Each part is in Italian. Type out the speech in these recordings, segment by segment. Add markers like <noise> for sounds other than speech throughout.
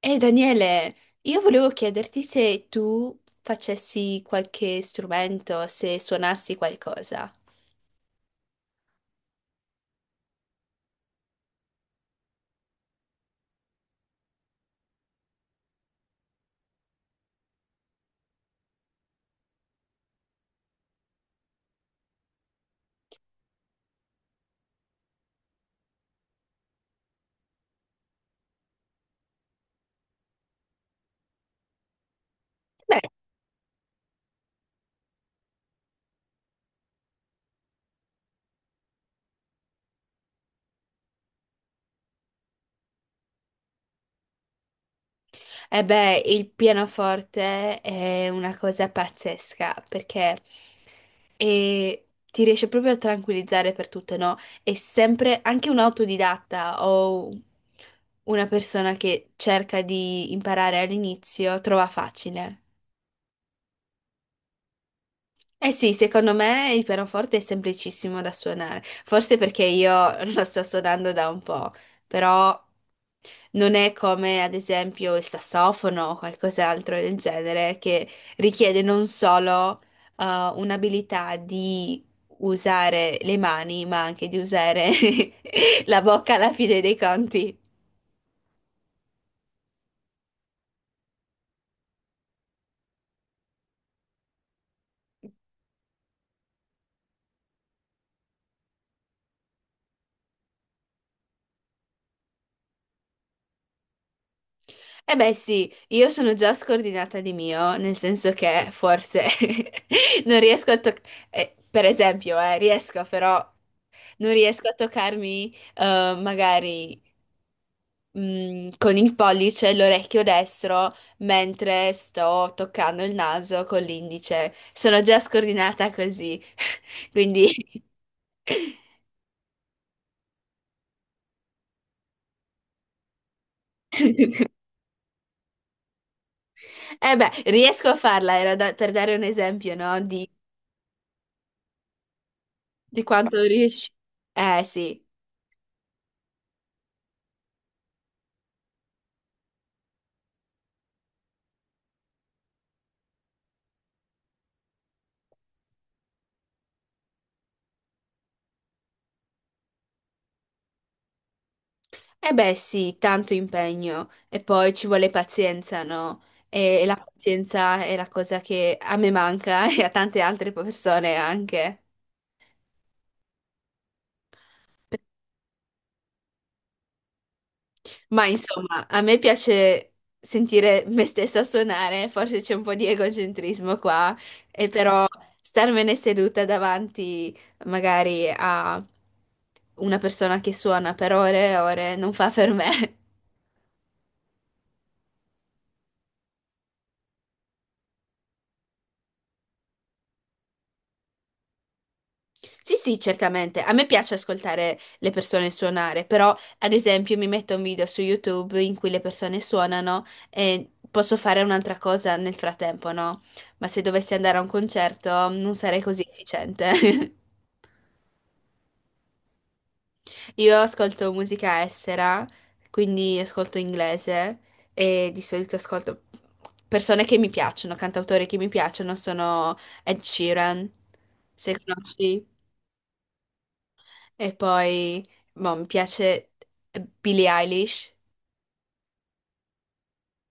Ehi Daniele, io volevo chiederti se tu facessi qualche strumento, se suonassi qualcosa. Beh, beh, il pianoforte è una cosa pazzesca perché ti riesce proprio a tranquillizzare per tutto, no? È sempre anche un autodidatta o una persona che cerca di imparare all'inizio trova facile. Eh sì, secondo me il pianoforte è semplicissimo da suonare, forse perché io <laughs> lo sto suonando da un po', però non è come ad esempio il sassofono o qualcos'altro del genere che richiede non solo eh, un'abilità di usare le mani, ma anche di usare <laughs> la bocca alla fine dei conti. Eh beh sì, io sono già scordinata di mio, nel senso che forse <laughs> non riesco a toccare, per esempio, riesco però, non riesco a toccarmi magari con il pollice l'orecchio destro mentre sto toccando il naso con l'indice. Sono già scordinata così, <laughs> quindi... <laughs> Eh beh, riesco a farla, era per dare un esempio, no? Di quanto riesci. Eh sì. Eh beh sì, tanto impegno e poi ci vuole pazienza, no? E la pazienza è la cosa che a me manca <laughs> e a tante altre persone anche. Ma insomma, a me piace sentire me stessa suonare, forse c'è un po' di egocentrismo qua, e però starmene seduta davanti magari a una persona che suona per ore e ore non fa per me. <laughs> Sì, sì, certamente. A me piace ascoltare le persone suonare, però ad esempio mi metto un video su YouTube in cui le persone suonano e posso fare un'altra cosa nel frattempo, no? Ma se dovessi andare a un concerto non sarei così efficiente. <laughs> Io ascolto musica estera, quindi ascolto inglese e di solito ascolto persone che mi piacciono, cantautori che mi piacciono sono Ed Sheeran, se conosci. E poi, boh, mi piace Billie Eilish.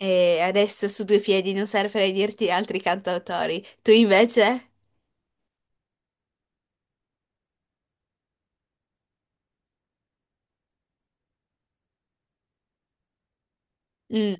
E adesso su due piedi non saprei dirti altri cantautori. Tu invece? Mm.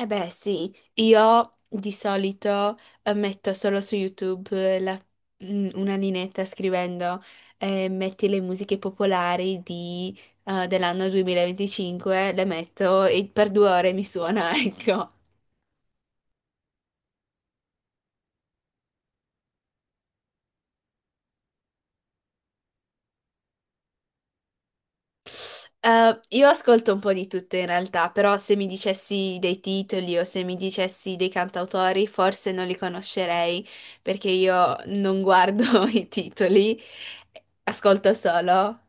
Eh beh, sì, io di solito metto solo su YouTube mm, una linetta scrivendo metti le musiche popolari di dell'anno 2025, le metto e per due ore mi suona, <laughs> ecco. Io ascolto un po' di tutto in realtà, però se mi dicessi dei titoli o se mi dicessi dei cantautori, forse non li conoscerei perché io non guardo <laughs> i titoli, ascolto solo.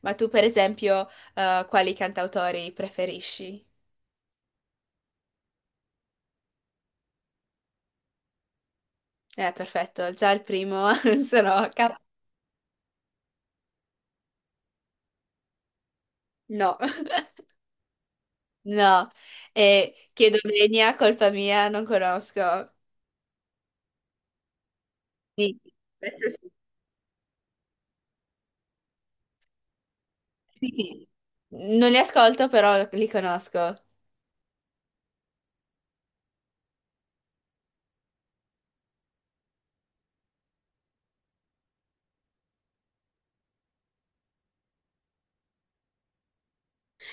Ma tu, per esempio, quali cantautori preferisci? Perfetto, già il primo <laughs> sono no, <laughs> no, e chiedo venia, colpa mia, non conosco. Sì, questo sì. Sì, sì. Non li ascolto, però li conosco.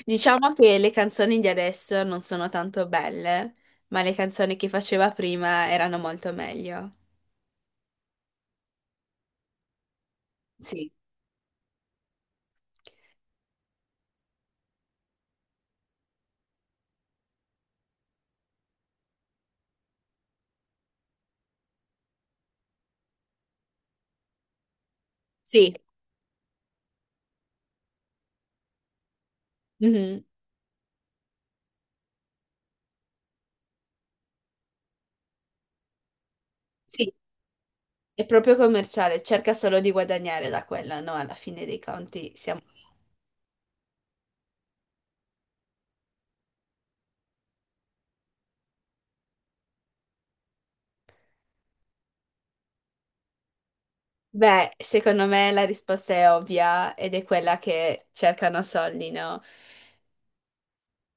Diciamo che le canzoni di adesso non sono tanto belle, ma le canzoni che faceva prima erano molto meglio. Sì. Sì. Mhm. Sì, è proprio commerciale, cerca solo di guadagnare da quella, no? Alla fine dei conti siamo... Beh, secondo me la risposta è ovvia ed è quella che cercano soldi, no?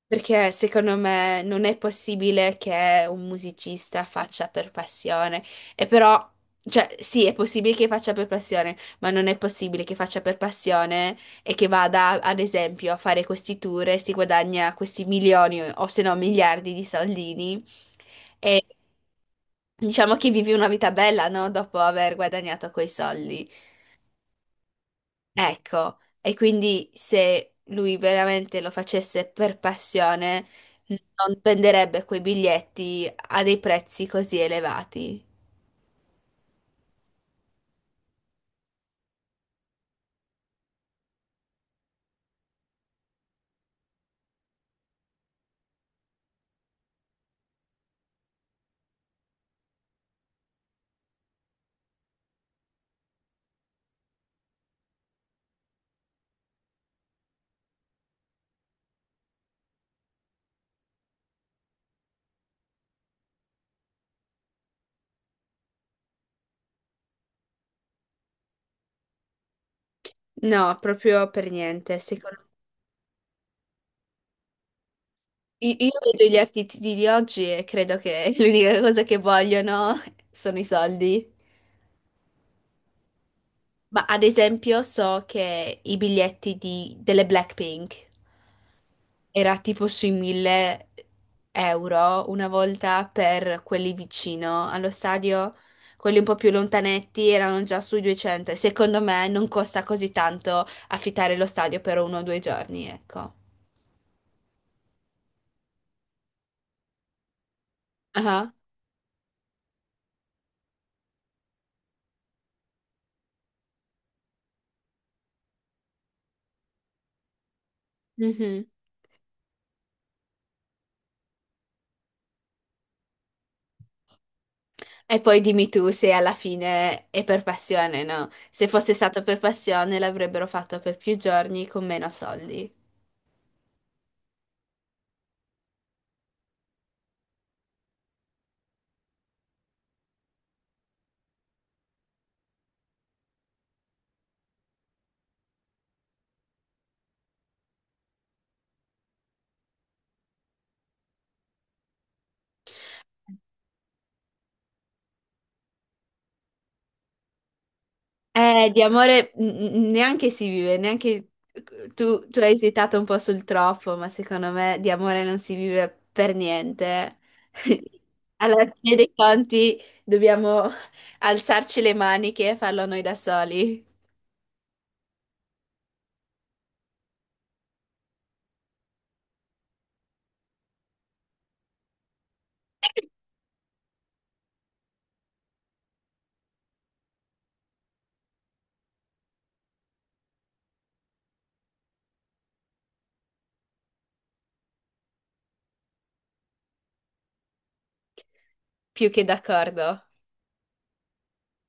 Perché secondo me non è possibile che un musicista faccia per passione. E però, cioè, sì, è possibile che faccia per passione, ma non è possibile che faccia per passione e che vada, ad esempio, a fare questi tour e si guadagna questi milioni o se no miliardi di soldini. E diciamo che vivi una vita bella, no? Dopo aver guadagnato quei soldi. Ecco, e quindi se lui veramente lo facesse per passione, non venderebbe quei biglietti a dei prezzi così elevati. No, proprio per niente. Secondo... Io vedo gli artisti di oggi e credo che <laughs> l'unica cosa che vogliono sono i soldi. Ma ad esempio so che i biglietti delle Blackpink era tipo sui 1000 euro una volta per quelli vicino allo stadio, quelli un po' più lontanetti erano già sui 200. E secondo me non costa così tanto affittare lo stadio per uno o due giorni, ecco. Ah, mhm. E poi dimmi tu se alla fine è per passione, no? Se fosse stato per passione l'avrebbero fatto per più giorni con meno soldi. Di amore neanche si vive, neanche tu hai esitato un po' sul troppo, ma secondo me di amore non si vive per niente. <laughs> Alla fine dei conti dobbiamo alzarci le maniche e farlo noi da soli, <laughs> più che d'accordo.